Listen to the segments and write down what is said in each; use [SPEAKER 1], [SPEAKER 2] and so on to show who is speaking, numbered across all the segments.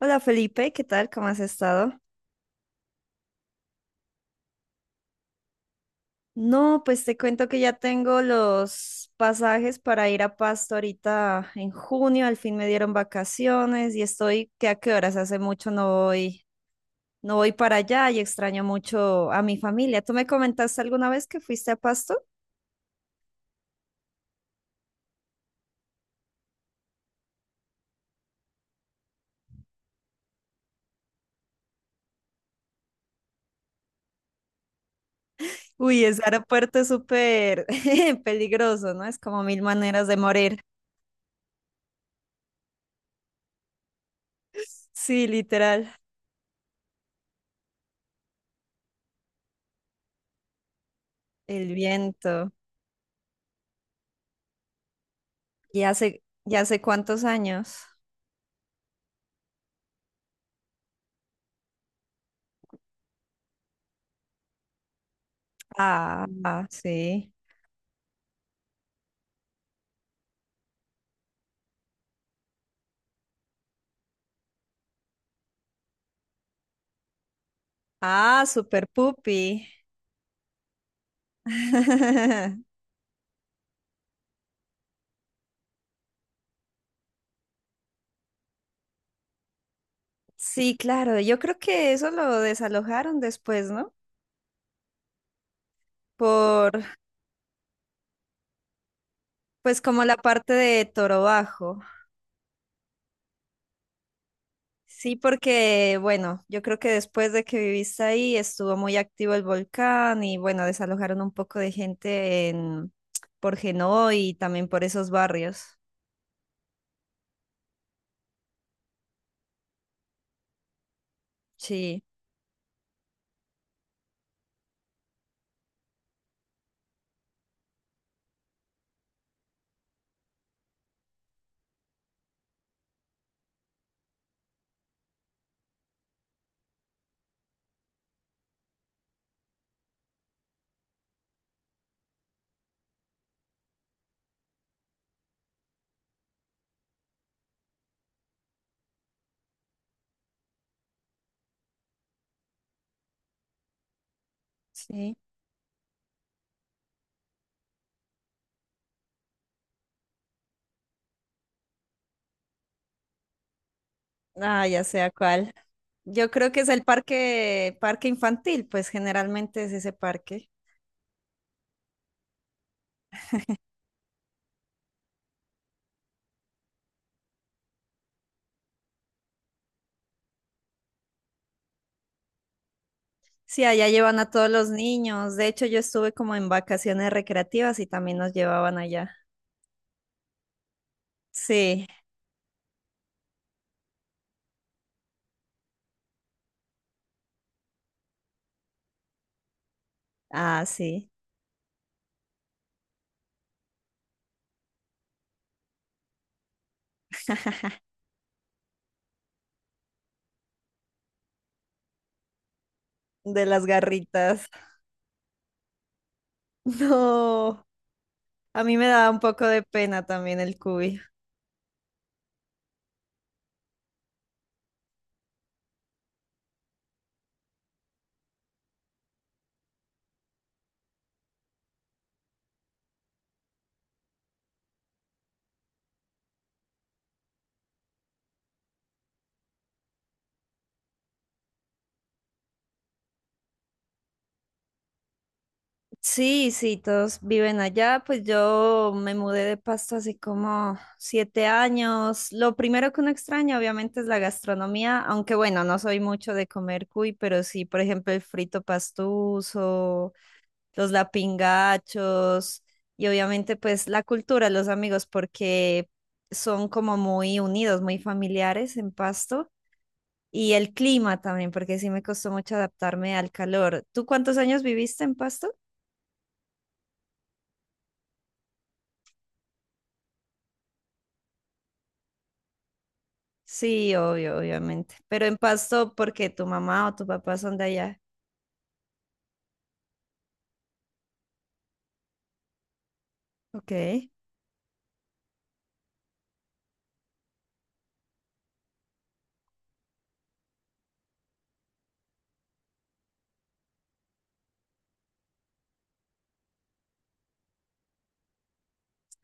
[SPEAKER 1] Hola Felipe, ¿qué tal? ¿Cómo has estado? No, pues te cuento que ya tengo los pasajes para ir a Pasto ahorita en junio, al fin me dieron vacaciones y estoy, ¿qué a qué horas? Hace mucho no voy para allá y extraño mucho a mi familia. ¿Tú me comentaste alguna vez que fuiste a Pasto? Uy, ese aeropuerto es súper peligroso, ¿no? Es como mil maneras de morir. Sí, literal, el viento. ¿Y ya hace cuántos años? Ah, ah, sí. Ah, Super Puppy. Sí, claro, yo creo que eso lo desalojaron después, ¿no? Por, pues como la parte de Toro Bajo. Sí, porque, bueno, yo creo que después de que viviste ahí estuvo muy activo el volcán y, bueno, desalojaron un poco de gente en, por Genoa y también por esos barrios. Sí, sí. Ah, ya sea cuál. Yo creo que es el parque, parque infantil, pues generalmente es ese parque. Sí, allá llevan a todos los niños. De hecho, yo estuve como en vacaciones recreativas y también nos llevaban allá. Sí, ah, sí, de las garritas. No, a mí me daba un poco de pena también el cuy. Sí, sí, todos viven allá. Pues yo me mudé de Pasto hace como 7 años. Lo primero que uno extraña, obviamente, es la gastronomía, aunque bueno, no soy mucho de comer cuy, pero sí, por ejemplo, el frito pastuso, los lapingachos y obviamente pues la cultura, los amigos, porque son como muy unidos, muy familiares en Pasto, y el clima también, porque sí me costó mucho adaptarme al calor. ¿Tú cuántos años viviste en Pasto? Sí, obvio, obviamente, pero en Pasto porque tu mamá o tu papá son de allá. Ok.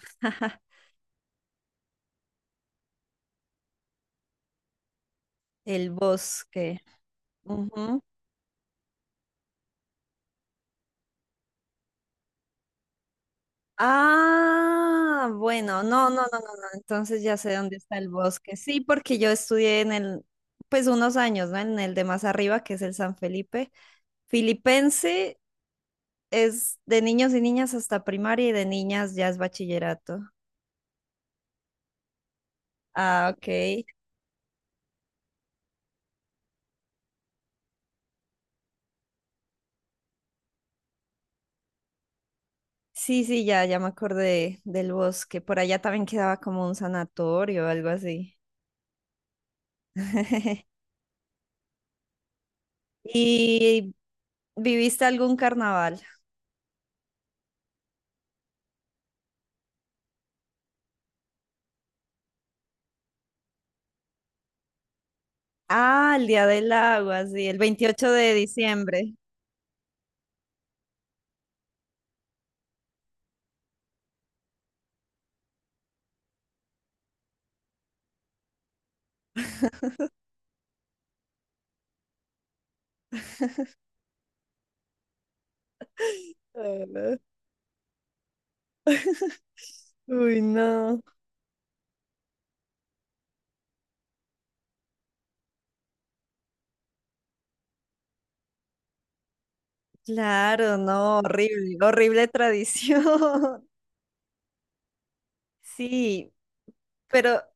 [SPEAKER 1] El bosque. Ujú. Ah, bueno, no, no, no, no, no. Entonces ya sé dónde está el bosque. Sí, porque yo estudié en el, pues unos años, ¿no? En el de más arriba, que es el San Felipe. Filipense es de niños y niñas hasta primaria y de niñas ya es bachillerato. Ah, ok. Sí, sí, ya me acordé del bosque. Por allá también quedaba como un sanatorio o algo así. ¿Y viviste algún carnaval? Ah, el Día del Agua, sí, el 28 de diciembre. Eh, Uy, no. Claro, no, horrible, horrible tradición. Sí, pero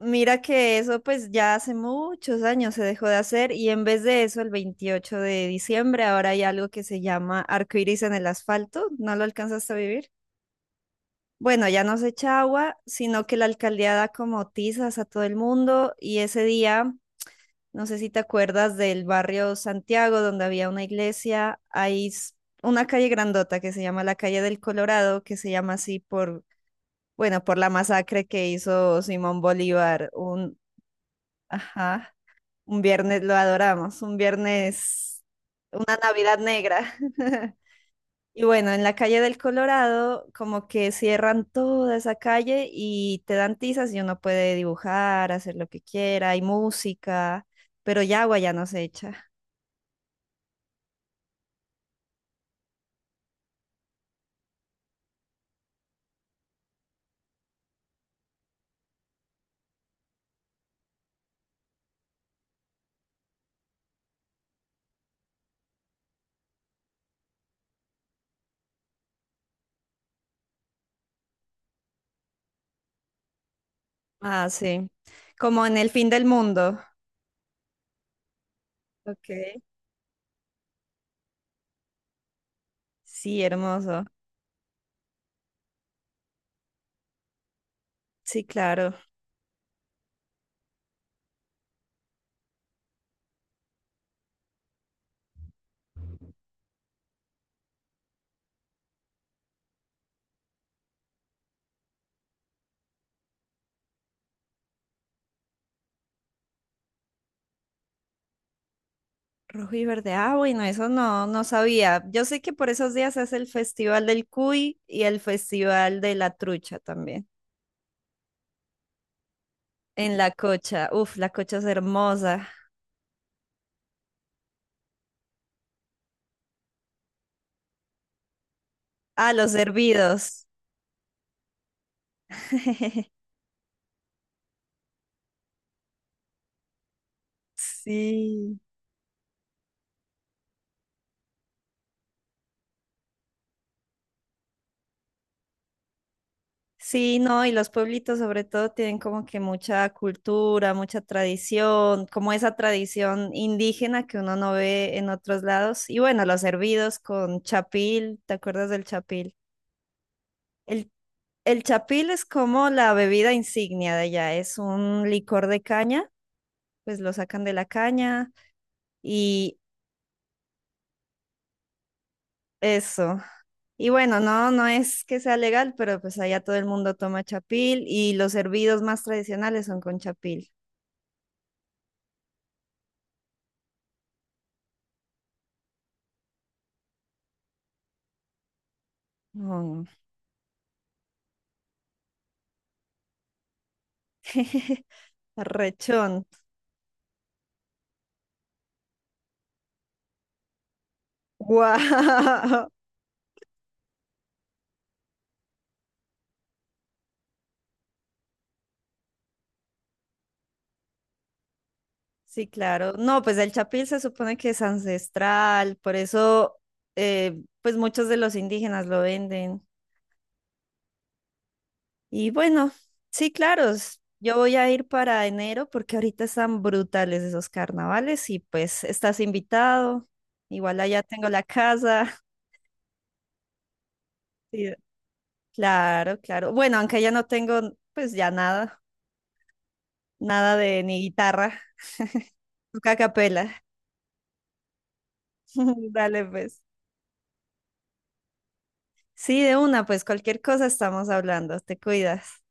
[SPEAKER 1] mira que eso pues ya hace muchos años se dejó de hacer y en vez de eso el 28 de diciembre ahora hay algo que se llama arcoíris en el asfalto, ¿no lo alcanzaste a vivir? Bueno, ya no se echa agua, sino que la alcaldía da como tizas a todo el mundo y ese día no sé si te acuerdas del barrio Santiago, donde había una iglesia. Una calle grandota que se llama la calle del Colorado, que se llama así por, bueno, por la masacre que hizo Simón Bolívar. Ajá, un viernes, lo adoramos, un viernes, una Navidad negra. Y bueno, en la calle del Colorado, como que cierran toda esa calle y te dan tizas y uno puede dibujar, hacer lo que quiera, hay música, pero ya agua ya no se echa. Ah, sí. Como en el fin del mundo. Ok. Sí, hermoso. Sí, claro. Rojo y verde. Ah, bueno, eso no, no sabía. Yo sé que por esos días es el Festival del Cuy y el Festival de la Trucha también. En la cocha. Uf, la cocha es hermosa. Ah, los hervidos. Sí. Sí, no, y los pueblitos sobre todo tienen como que mucha cultura, mucha tradición, como esa tradición indígena que uno no ve en otros lados. Y bueno, los hervidos con chapil, ¿te acuerdas del chapil? El, el chapil es como la bebida insignia de allá, es un licor de caña, pues lo sacan de la caña y eso. Y bueno, no, no es que sea legal, pero pues allá todo el mundo toma chapil y los hervidos más tradicionales son con chapil. Mm. Rechón. Wow. Sí, claro. No, pues el chapil se supone que es ancestral, por eso, pues muchos de los indígenas lo venden. Y bueno, sí, claro. s- Yo voy a ir para enero porque ahorita están brutales esos carnavales y pues estás invitado. Igual allá tengo la casa. Sí, claro, claro. Bueno, aunque ya no tengo, pues ya nada, nada de ni guitarra, toca a capela. Dale, pues. Sí, de una, pues cualquier cosa estamos hablando. Te cuidas.